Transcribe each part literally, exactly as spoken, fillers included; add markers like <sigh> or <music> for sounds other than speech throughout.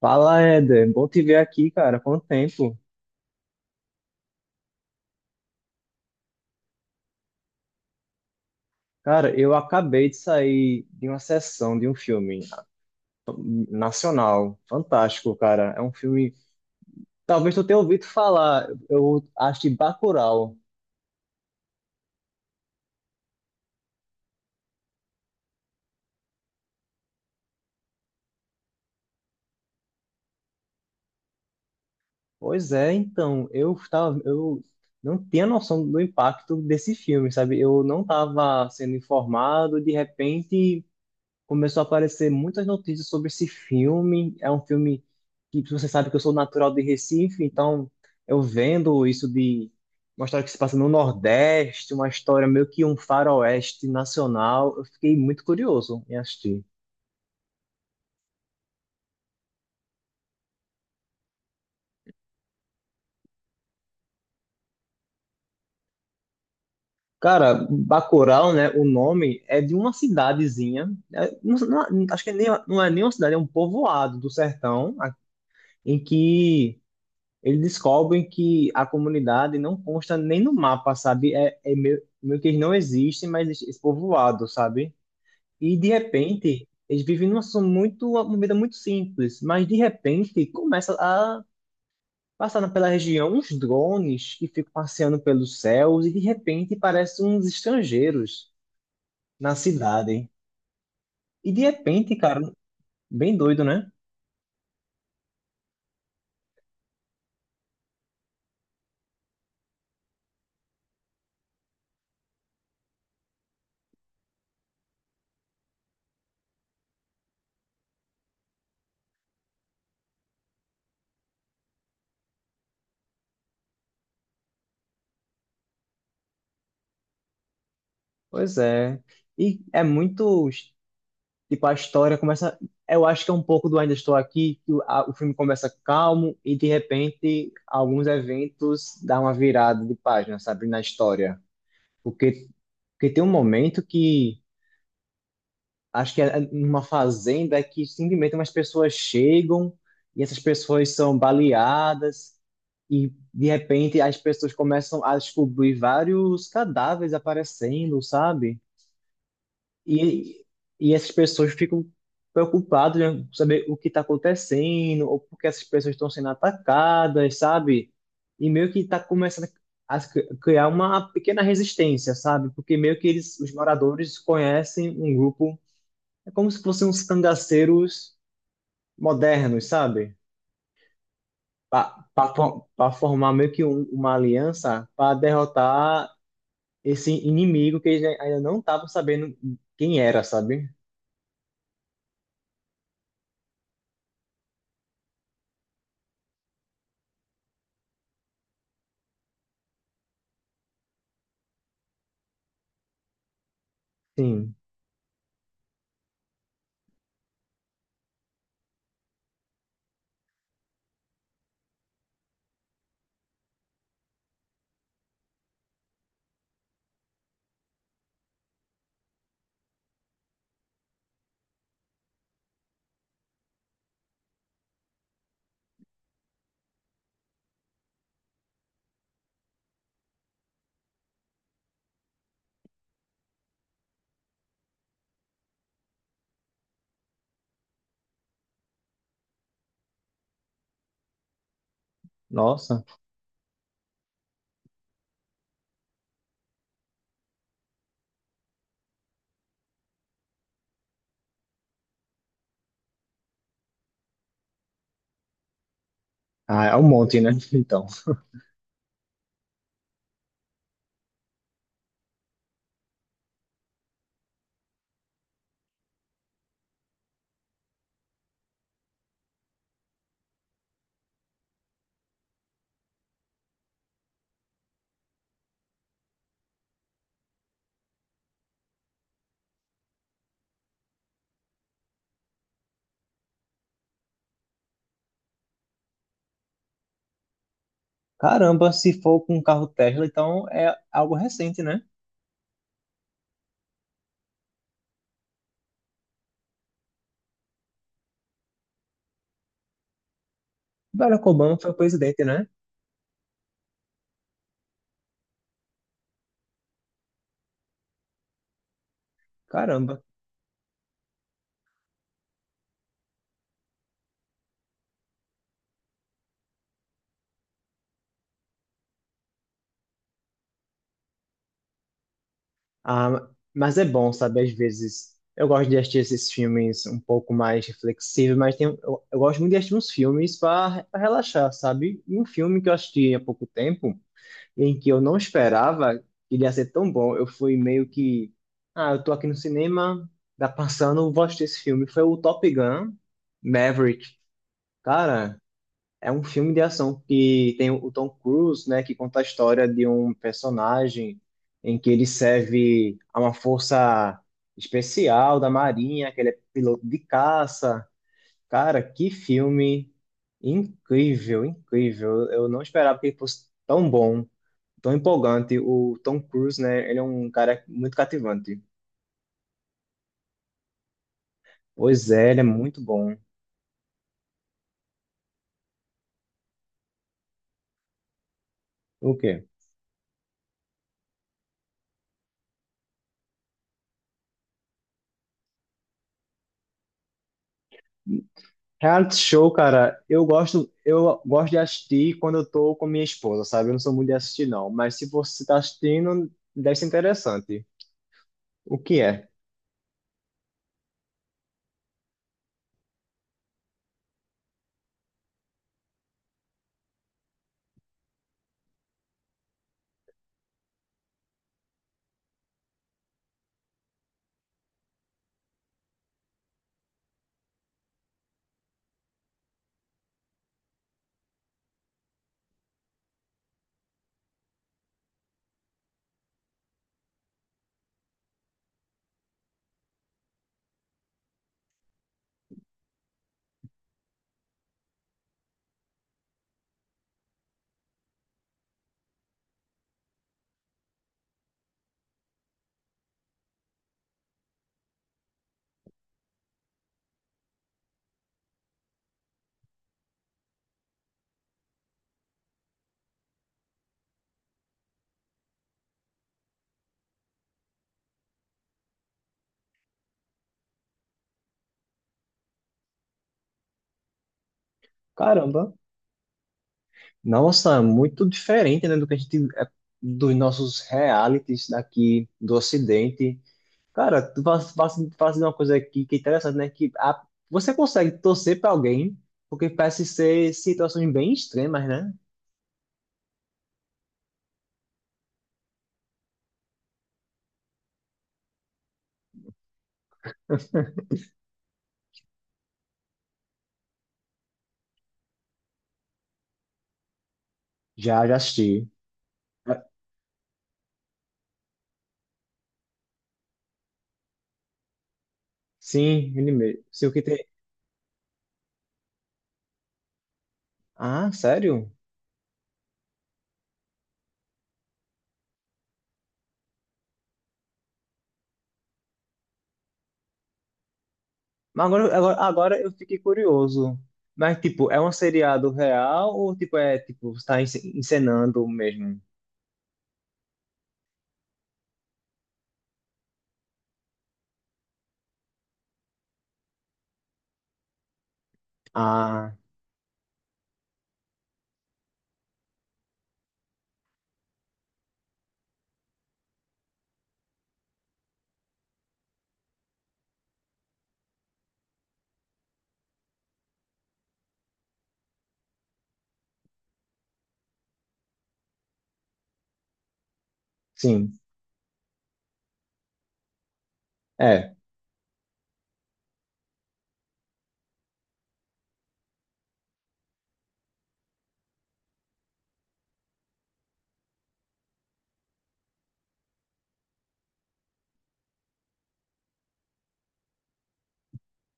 Fala, Éder. Bom te ver aqui, cara. Quanto tempo? Cara, eu acabei de sair de uma sessão de um filme nacional. Fantástico, cara. É um filme. Talvez tu tenha ouvido falar. Eu acho, de Bacurau. Pois é, então. Eu tava... eu não tinha noção do impacto desse filme, sabe? Eu não estava sendo informado. De repente, começou a aparecer muitas notícias sobre esse filme. É um filme que, você sabe que eu sou natural de Recife, então eu vendo isso de uma história que se passa no Nordeste, uma história meio que um faroeste nacional, eu fiquei muito curioso em assistir. Cara, Bacurau, né? O nome é de uma cidadezinha. É, não- não- acho que é nem, não é nem uma cidade, é um povoado do sertão, em que eles descobrem que a comunidade não consta nem no mapa, sabe? É, é meio, meio que eles não existem, mas existe esse povoado, sabe? E de repente, eles vivem numa situação muito, uma vida muito simples, mas de repente começa a passar pela região uns drones que ficam passeando pelos céus e de repente parecem uns estrangeiros na cidade. E de repente, cara, bem doido, né? Pois é. E é muito Tipo, a história começa. Eu acho que é um pouco do Ainda Estou Aqui, que o, a- o filme começa calmo e de repente alguns eventos dão uma virada de página, sabe, na história. Porque, porque tem um momento que acho que é é numa fazenda que simplesmente umas pessoas chegam e essas pessoas são baleadas e de repente as pessoas começam a descobrir vários cadáveres aparecendo, sabe? E, e essas pessoas ficam preocupadas, né, com saber o que está acontecendo, ou porque essas pessoas estão sendo atacadas, sabe? E meio que está começando a cri- criar uma pequena resistência, sabe? Porque meio que eles, os moradores, conhecem um grupo, é como se fossem uns cangaceiros modernos, sabe? Para formar meio que um- uma aliança para derrotar esse inimigo que eles ainda não estavam sabendo quem era, sabe? Sim, nossa. Ah, é um monte, né? <laughs> Então. Caramba, se for com um carro Tesla, então é algo recente, né? Barack Obama foi o presidente, né? Caramba. Ah, mas é bom, sabe? Às vezes eu gosto de assistir esses filmes um pouco mais reflexivos, mas tem, eu, eu gosto muito de assistir uns filmes para relaxar, sabe? E um filme que eu assisti há pouco tempo, em que eu não esperava que ele ia ser tão bom, eu fui meio que. Ah, eu tô aqui no cinema, tá passando, eu vou assistir esse filme. Foi o Top Gun Maverick. Cara. É um filme de ação que tem o Tom Cruise, né, que conta a história de um personagem em que ele serve a uma força especial da Marinha, que ele é piloto de caça. Cara, que filme incrível, incrível. Eu não esperava que ele fosse tão bom, tão empolgante. O Tom Cruise, né, ele é um cara muito cativante. Pois é, ele é muito bom. O quê? Reality show, cara, eu gosto, eu gosto de assistir quando eu tô com minha esposa, sabe? Eu não sou muito de assistir, não. Mas se você tá assistindo, deve ser interessante. O que é? Caramba! Nossa, é muito diferente, né, do que a gente, é, dos nossos realities daqui do Ocidente. Cara, tu faz, faz, faz uma coisa aqui que é interessante, né? Que a- você consegue torcer pra alguém, porque parece ser situações bem extremas, né? Já, já assisti. Sim, ele mesmo. Se o que tem. Ah, sério? Mas agora, agora, agora eu fiquei curioso. Mas, tipo, é um seriado real ou, tipo, é, tipo, está encenando mesmo? Ah, sim. É.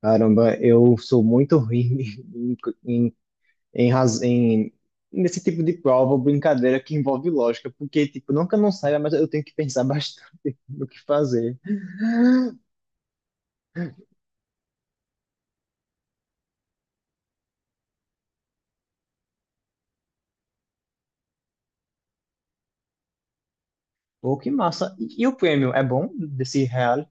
Caramba, eu sou muito ruim <laughs> em, em, em, raz- em- nesse tipo de prova ou brincadeira que envolve lógica, porque, tipo, nunca não sai, mas eu tenho que pensar bastante <laughs> no que fazer. <gasps> Pô, que massa. E, e o prêmio é bom desse real?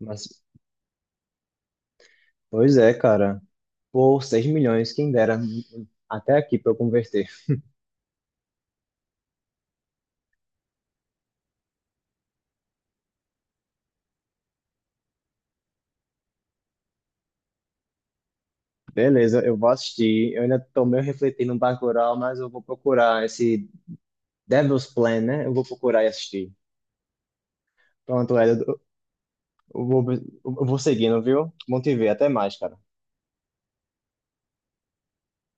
Mas, pois é, cara, por seis milhões, quem dera. Até aqui pra eu converter. Beleza, eu vou assistir. Eu ainda tô meio refletindo no Bacurau, mas eu vou procurar esse Devil's Plan, né? Eu vou procurar e assistir. Pronto, Ed, eu eu vou, eu vou seguindo, viu? Bom te ver. Até mais, cara.